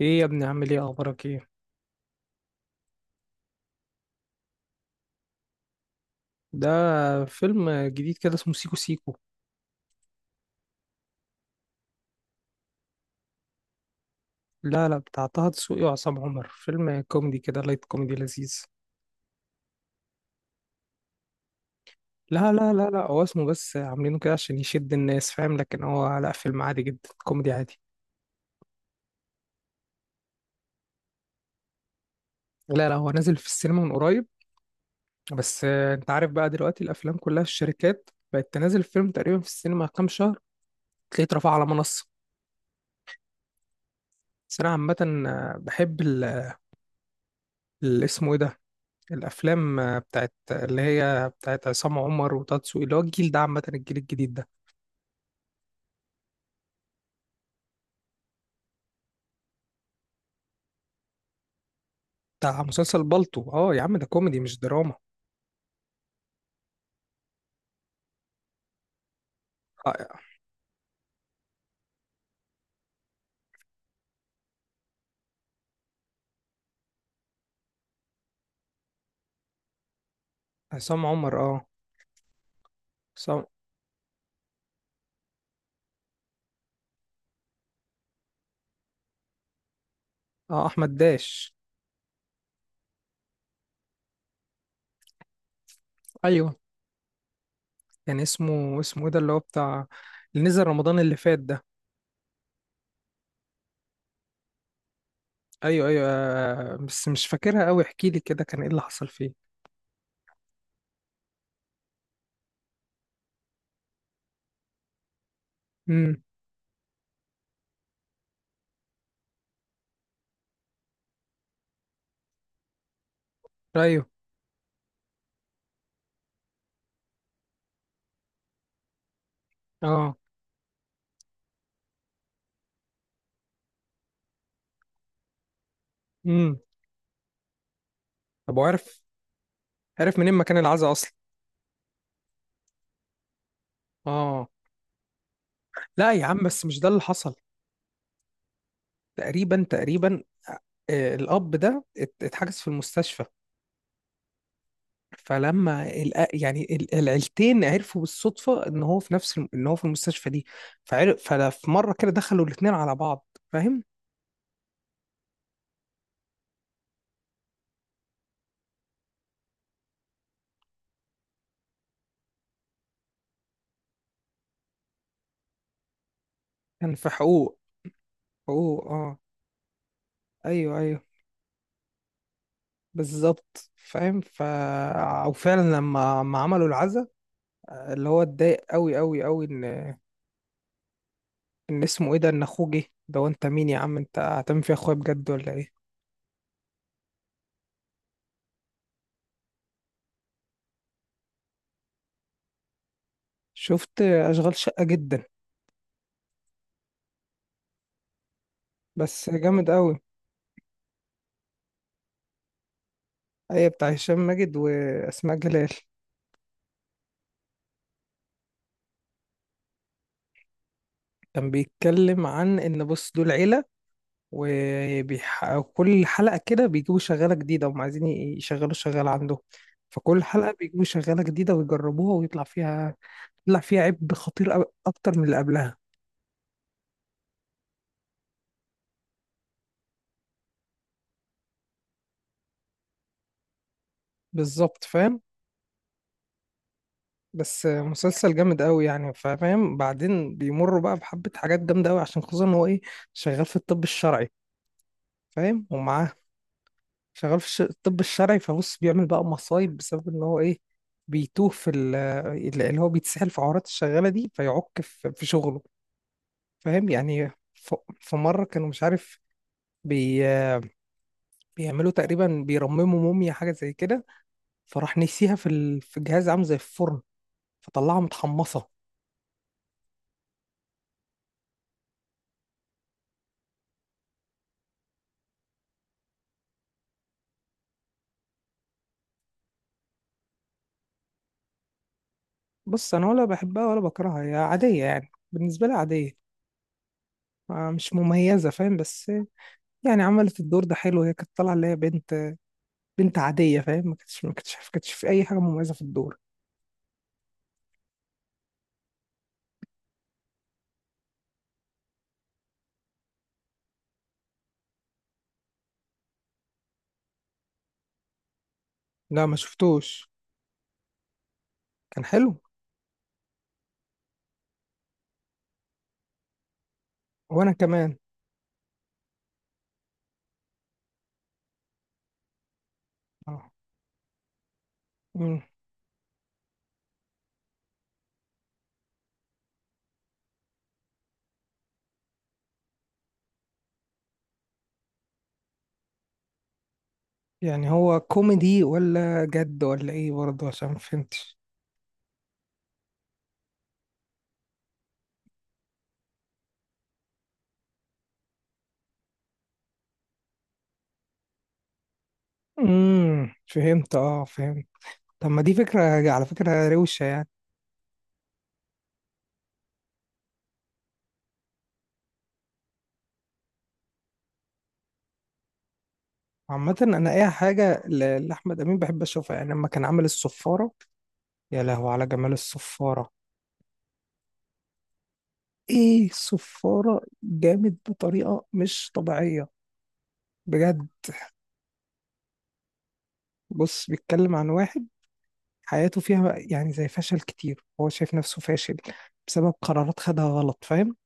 ايه يا ابني، عامل ايه، اخبارك ايه؟ ده فيلم جديد كده اسمه سيكو سيكو. لا لا، بتاع طه دسوقي وعصام عمر، فيلم كوميدي كده، لايت كوميدي لذيذ. لا لا لا لا، هو اسمه بس، عاملينه كده عشان يشد الناس، فاهم؟ لكن هو لا، فيلم عادي جدا، كوميدي عادي. لا لا، هو نازل في السينما من قريب. بس انت عارف بقى دلوقتي الافلام كلها في الشركات بقت تنزل، الفيلم تقريبا في السينما كام شهر، تلاقيه اترفع على منصة. بس انا عامة بحب اسمه ايه ده، الافلام بتاعت اللي هي بتاعت عصام عمر وتاتسو، اللي هو الجيل ده، عامه الجيل الجديد ده. بتاع مسلسل بالطو، اه يا عم، ده كوميدي مش دراما. آه، عصام عمر، اه. عصام. اه، احمد داش. ايوه، كان اسمه ايه ده، اللي هو بتاع اللي نزل رمضان اللي فات ده. ايوه ايوه، بس مش فاكرها قوي، احكي لي كده، كان ايه اللي حصل فيه. امم. ايوه. اه. امم. طب وعرف، عرف منين مكان العزا اصلا؟ اه. لا يا عم، بس مش ده اللي حصل. تقريبا. الأب ده اتحجز في المستشفى. فلما العيلتين عرفوا بالصدفة إن هو في نفس إن هو في المستشفى دي. فعرف، ففي مرة كده دخلوا الاتنين على بعض، فاهم. كان في حقوق. حقوق، اه. أيوه أيوه، بالظبط، فاهم، ف. او فعلا لما ما عملوا العزا، اللي هو اتضايق قوي قوي قوي ان اسمه ايه ده، ان اخوه جه ده، وانت مين يا عم، انت هتعمل في اخويا بجد ولا ايه؟ شفت اشغال شقة، جدا بس جامد قوي. ايوه، بتاع هشام ماجد واسماء جلال. كان بيتكلم عن ان، بص، دول عيله، وكل حلقه كده بيجيبوا شغاله جديده، وهم عايزين يشغلوا شغاله عندهم. فكل حلقه بيجيبوا شغاله جديده ويجربوها ويطلع فيها، يطلع فيها عيب خطير أوي، اكتر من اللي قبلها. بالظبط، فاهم. بس مسلسل جامد قوي يعني، فاهم. بعدين بيمروا بقى بحبه حاجات جامده قوي، عشان خصوصا ان هو ايه، شغال في الطب الشرعي، فاهم. ومعاه، شغال في الطب الشرعي، فبص بيعمل بقى مصايب بسبب ان هو ايه، بيتوه في اللي هو بيتسحل في عورات الشغالة دي، فيعك في شغله، فاهم يعني، ف. في مرة كانوا مش عارف، بي بيعملوا تقريبا، بيرمموا موميا حاجة زي كده، فراح نسيها في ال... في جهاز عامل زي الفرن، فطلعها متحمصة. بص، أنا ولا بحبها ولا بكرهها، هي عادية يعني، بالنسبة لي عادية. مش مميزة، فاهم. بس يعني عملت الدور ده حلو، هي كانت طالعة اللي هي بنت، عادية، فاهم. ما كانتش ما كانتش ما كانتش في أي حاجة مميزة في الدور. لا ما شفتوش. كان حلو. وأنا كمان. اه. مم. يعني هو كوميدي ولا جد ولا إيه برضه؟ عشان ما فهمتش. امم، فهمت. اه، فهمت. طب ما دي فكرة، على فكرة روشة يعني. عامة أنا أي حاجة لأحمد أمين بحب أشوفها. يعني لما كان عامل الصفارة، يا لهو على جمال الصفارة! إيه، الصفارة جامد بطريقة مش طبيعية، بجد. بص، بيتكلم عن واحد حياته فيها يعني زي فشل كتير، هو شايف نفسه فاشل بسبب قرارات خدها غلط، فاهم.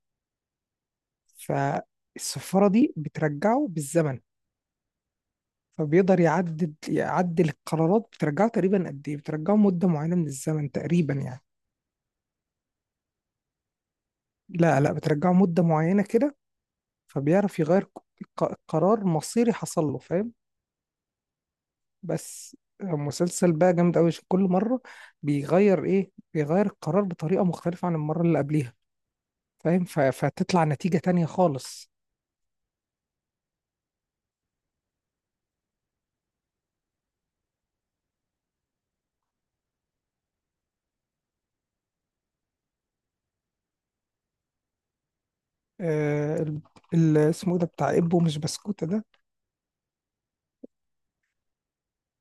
فالسفارة دي بترجعه بالزمن، فبيقدر يعدل، يعدل القرارات. بترجعه تقريبا قد ايه، بترجعه مدة معينة من الزمن تقريبا يعني. لا لا، بترجعه مدة معينة كده، فبيعرف يغير قرار مصيري حصل له، فاهم. بس مسلسل بقى جامد قوي، كل مرة بيغير ايه، بيغير القرار بطريقة مختلفة عن المرة اللي قبلها، فاهم، فتطلع نتيجة تانية خالص. آه، اسمه إيه ده بتاع ابو مش بسكوتة ده؟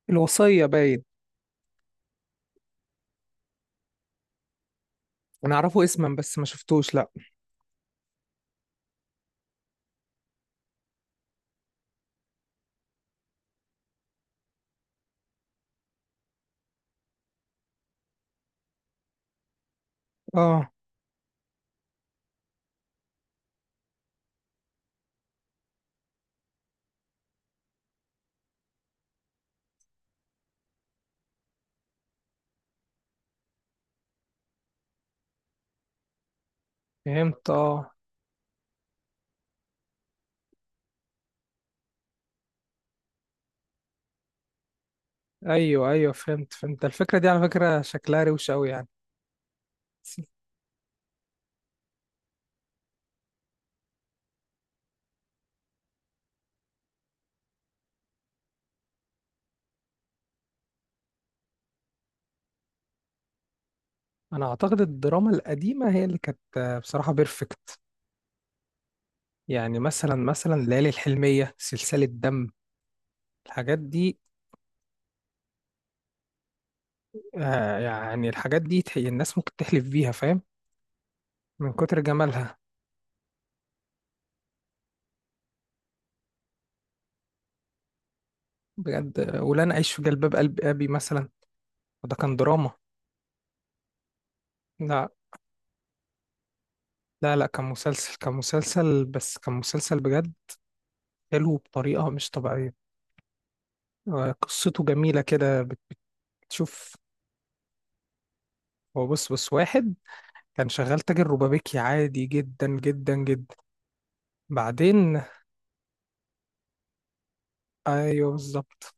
الوصية، باين. انا اعرفه اسما بس ما شفتوش، لا. اه، فهمت. اه، ايوه ايوه، فهمت فهمت الفكرة دي، على فكرة شكلها روش قوي يعني. بس انا اعتقد الدراما القديمة هي اللي كانت بصراحة بيرفكت. يعني مثلا ليالي الحلمية، سلسلة دم، الحاجات دي. آه، يعني الحاجات دي الناس ممكن تحلف بيها، فاهم، من كتر جمالها. بجد. ولا انا اعيش في جلباب قلب ابي مثلا، وده كان دراما. لا لا لا، كان مسلسل، كان مسلسل، بس كان مسلسل بجد حلو بطريقة مش طبيعية. قصته جميلة كده، بتشوف. هو بص، بص واحد كان شغال تاجر روبابيكي عادي جدا جدا جدا. بعدين، ايوه بالظبط.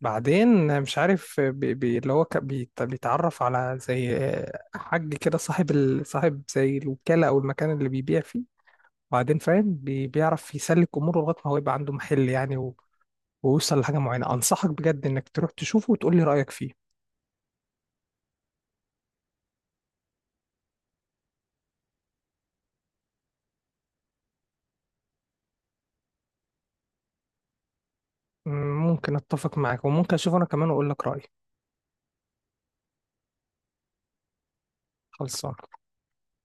بعدين مش عارف، بي بي اللي هو كان بيتعرف على زي حاج كده، صاحب ال... صاحب زي الوكالة او المكان اللي بيبيع فيه. بعدين فاهم، بيعرف يسلك اموره لغاية ما هو يبقى عنده محل يعني، ويوصل لحاجة معينة. أنصحك بجد إنك تروح تشوفه وتقول لي رأيك فيه. ممكن أتفق معاك وممكن أشوفه أنا كمان وأقول لك رأيي. خلصان.